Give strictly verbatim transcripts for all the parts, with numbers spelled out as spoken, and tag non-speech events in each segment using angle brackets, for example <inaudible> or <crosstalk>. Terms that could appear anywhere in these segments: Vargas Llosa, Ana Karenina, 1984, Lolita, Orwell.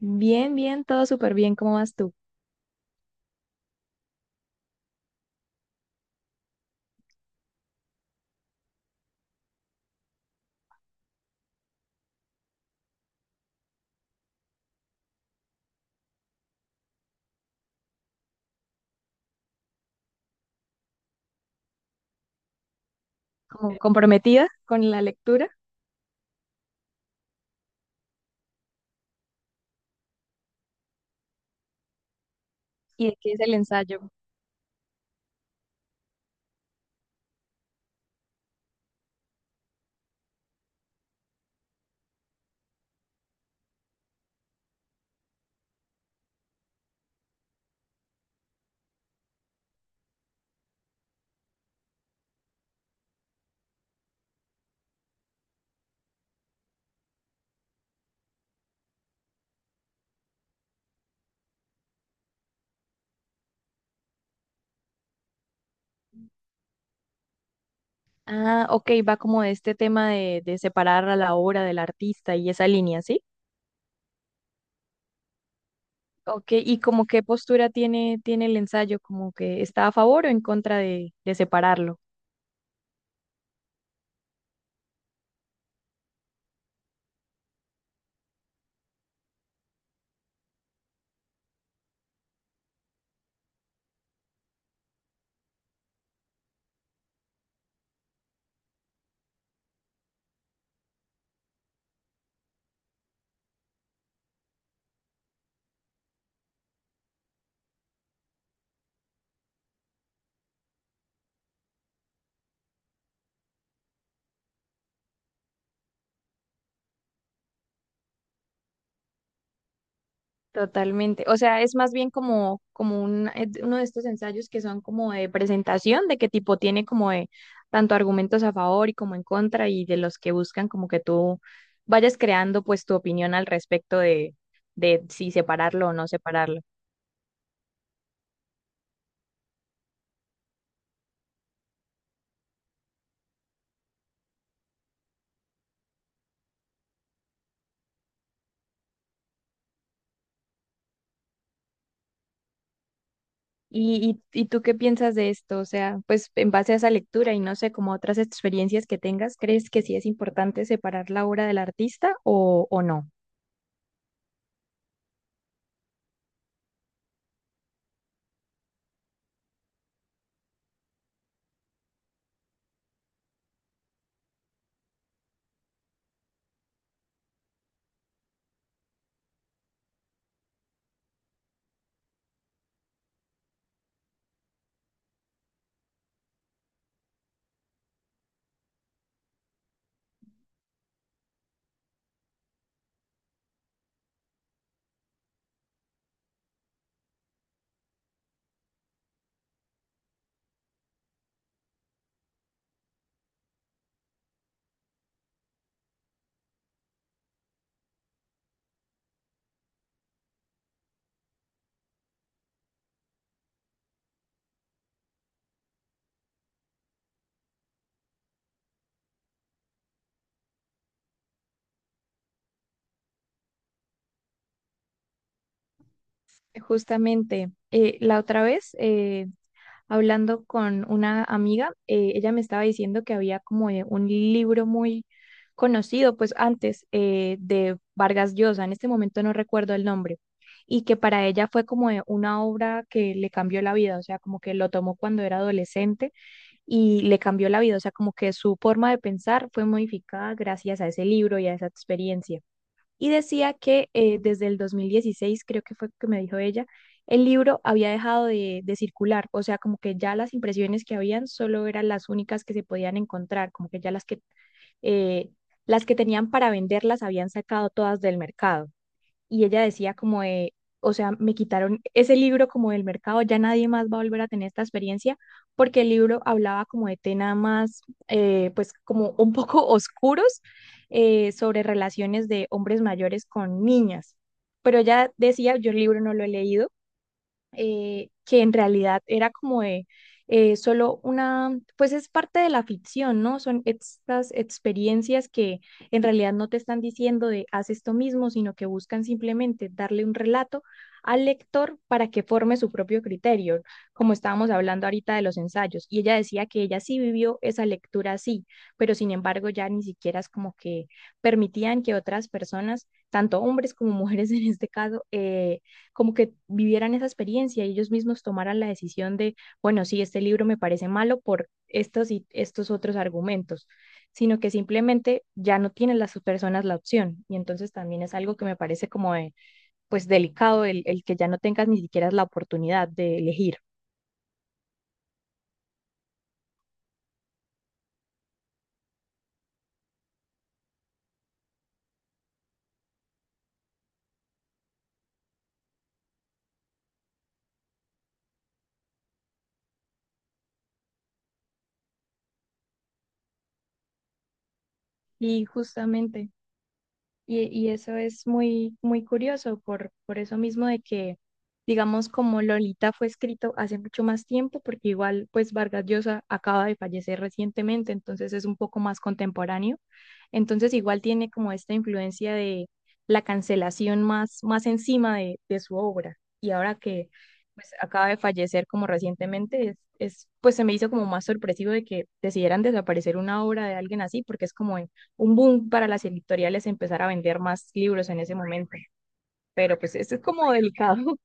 Bien, bien, todo súper bien. ¿Cómo vas tú? ¿Como comprometida con la lectura? ¿Y de qué es el ensayo? Ah, ok, va como de este tema de, de, separar a la obra del artista y esa línea, ¿sí? Ok, ¿y como qué postura tiene, tiene el ensayo? ¿Como que está a favor o en contra de, de separarlo? Totalmente. O sea, es más bien como, como un, eh, uno de estos ensayos que son como de presentación, de qué tipo tiene como de tanto argumentos a favor y como en contra, y de los que buscan como que tú vayas creando pues tu opinión al respecto de, de si separarlo o no separarlo. ¿Y, y, y tú qué piensas de esto? O sea, pues en base a esa lectura y no sé, como otras experiencias que tengas, ¿crees que sí es importante separar la obra del artista o, o no? Justamente, eh, la otra vez, eh, hablando con una amiga, eh, ella me estaba diciendo que había como eh, un libro muy conocido, pues antes eh, de Vargas Llosa, en este momento no recuerdo el nombre, y que para ella fue como eh, una obra que le cambió la vida, o sea, como que lo tomó cuando era adolescente y le cambió la vida, o sea, como que su forma de pensar fue modificada gracias a ese libro y a esa experiencia y decía que eh, desde el dos mil dieciséis creo que fue que me dijo ella, el libro había dejado de, de circular, o sea, como que ya las impresiones que habían solo eran las únicas que se podían encontrar, como que ya las que, eh, las que tenían para venderlas habían sacado todas del mercado y ella decía como de, o sea, me quitaron ese libro como del mercado, ya nadie más va a volver a tener esta experiencia, porque el libro hablaba como de temas más, eh, pues como un poco <laughs> oscuros eh, sobre relaciones de hombres mayores con niñas. Pero ella decía, yo el libro no lo he leído, eh, que en realidad era como de, eh, solo una, pues es parte de la ficción, ¿no? Son estas experiencias que en realidad no te están diciendo de haz esto mismo, sino que buscan simplemente darle un relato al lector para que forme su propio criterio, como estábamos hablando ahorita de los ensayos. Y ella decía que ella sí vivió esa lectura así, pero sin embargo ya ni siquiera es como que permitían que otras personas, tanto hombres como mujeres <laughs> en este caso, eh, como que vivieran esa experiencia y ellos mismos tomaran la decisión de, bueno, sí, este libro me parece malo por estos y estos otros argumentos, sino que simplemente ya no tienen las personas la opción. Y entonces también es algo que me parece como de, pues delicado el, el que ya no tengas ni siquiera la oportunidad de elegir. Y justamente. Y, y eso es muy, muy curioso por, por, eso mismo de que, digamos, como Lolita fue escrito hace mucho más tiempo, porque igual, pues Vargas Llosa acaba de fallecer recientemente, entonces es un poco más contemporáneo. Entonces igual tiene como esta influencia de la cancelación más, más encima de, de su obra. Y ahora que pues acaba de fallecer como recientemente, es, es, pues se me hizo como más sorpresivo de que decidieran desaparecer una obra de alguien así, porque es como un boom para las editoriales empezar a vender más libros en ese momento. Pero pues esto es como delicado.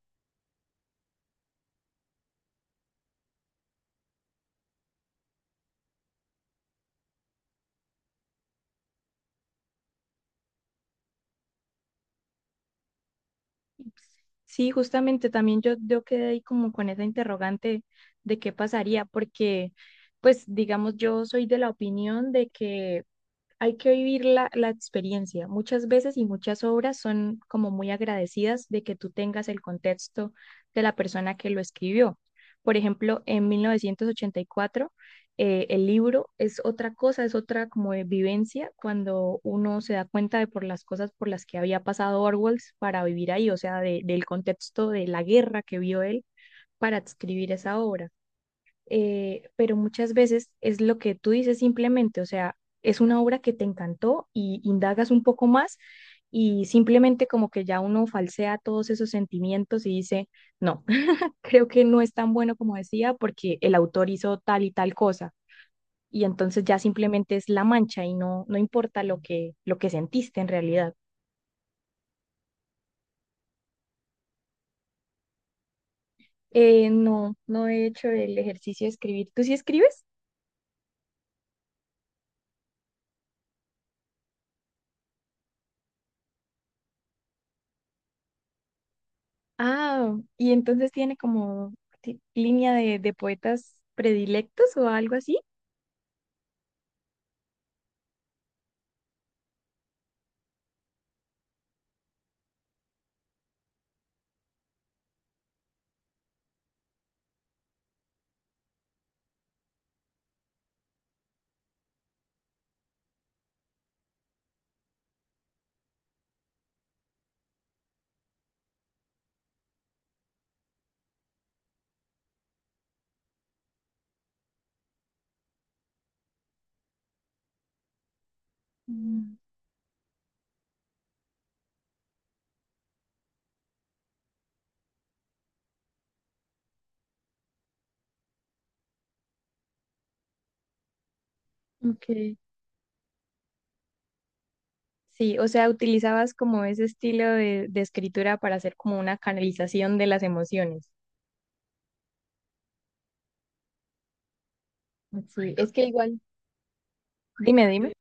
<laughs> Sí, justamente también yo, yo quedé ahí como con esa interrogante de qué pasaría, porque pues digamos yo soy de la opinión de que hay que vivir la, la experiencia. Muchas veces y muchas obras son como muy agradecidas de que tú tengas el contexto de la persona que lo escribió. Por ejemplo, en mil novecientos ochenta y cuatro, eh, el libro es otra cosa, es otra como de vivencia cuando uno se da cuenta de por las cosas por las que había pasado Orwell para vivir ahí, o sea, de- del contexto de la guerra que vio él para escribir esa obra eh, pero muchas veces es lo que tú dices simplemente, o sea, es una obra que te encantó y indagas un poco más y simplemente como que ya uno falsea todos esos sentimientos y dice, no, <laughs> creo que no es tan bueno como decía porque el autor hizo tal y tal cosa. Y entonces ya simplemente es la mancha y no, no importa lo que, lo que, sentiste en realidad. Eh, no, no he hecho el ejercicio de escribir. ¿Tú sí escribes? Ah, y entonces tiene como ti- línea de, de poetas predilectos o algo así. Mm. Ok. Sí, o sea, utilizabas como ese estilo de, de escritura para hacer como una canalización de las emociones. Sí, es que igual, dime, dime.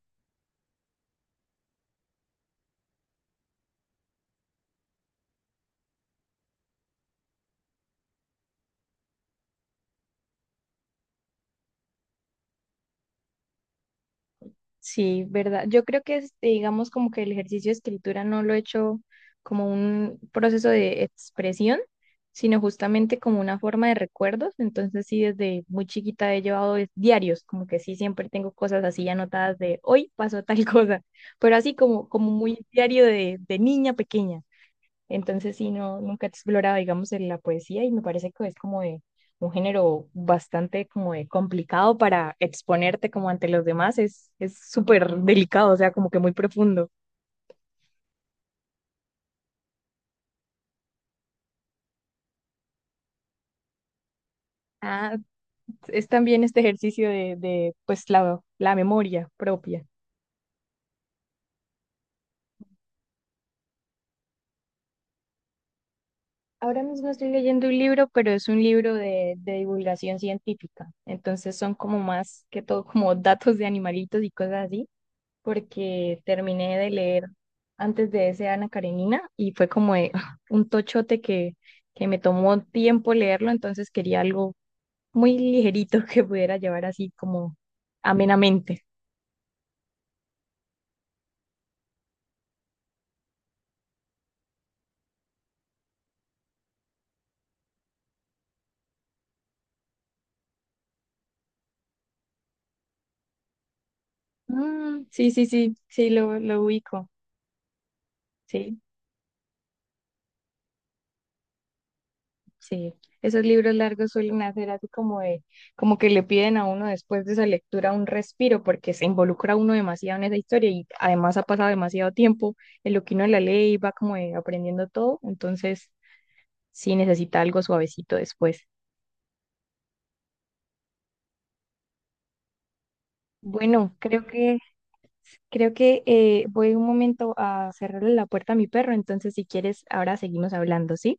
Sí, verdad. Yo creo que, este, digamos, como que el ejercicio de escritura no lo he hecho como un proceso de expresión, sino justamente como una forma de recuerdos. Entonces, sí, desde muy chiquita he llevado es- diarios, como que sí, siempre tengo cosas así anotadas de hoy pasó tal <laughs> cosa, pero así como, como, muy diario de, de niña pequeña. Entonces, sí, no, nunca he explorado, digamos, en la poesía y me parece que es como de un género bastante como de complicado para exponerte como ante los demás. Es, es súper delicado, o sea, como que muy profundo. Ah, es también este ejercicio de, de, pues, la, la memoria propia. Ahora mismo estoy leyendo un libro, pero es un libro de, de divulgación científica. Entonces son como más que todo como datos de animalitos y cosas así. Porque terminé de leer antes de ese Ana Karenina y fue como de, ah, un tochote que, que me tomó tiempo leerlo, entonces quería algo muy ligerito <laughs> que pudiera llevar así como amenamente. Mm, sí, sí, sí, sí, lo, lo ubico, sí. Sí, esos libros largos suelen hacer así como de, como que le piden a uno después de esa lectura un respiro, porque se involucra uno demasiado en esa historia y además ha pasado demasiado tiempo en lo que uno la lee y va como de aprendiendo todo, entonces sí necesita algo suavecito después. Bueno, creo que, creo que eh, voy un momento a cerrarle la puerta a mi perro, entonces si quieres ahora seguimos hablando, ¿sí?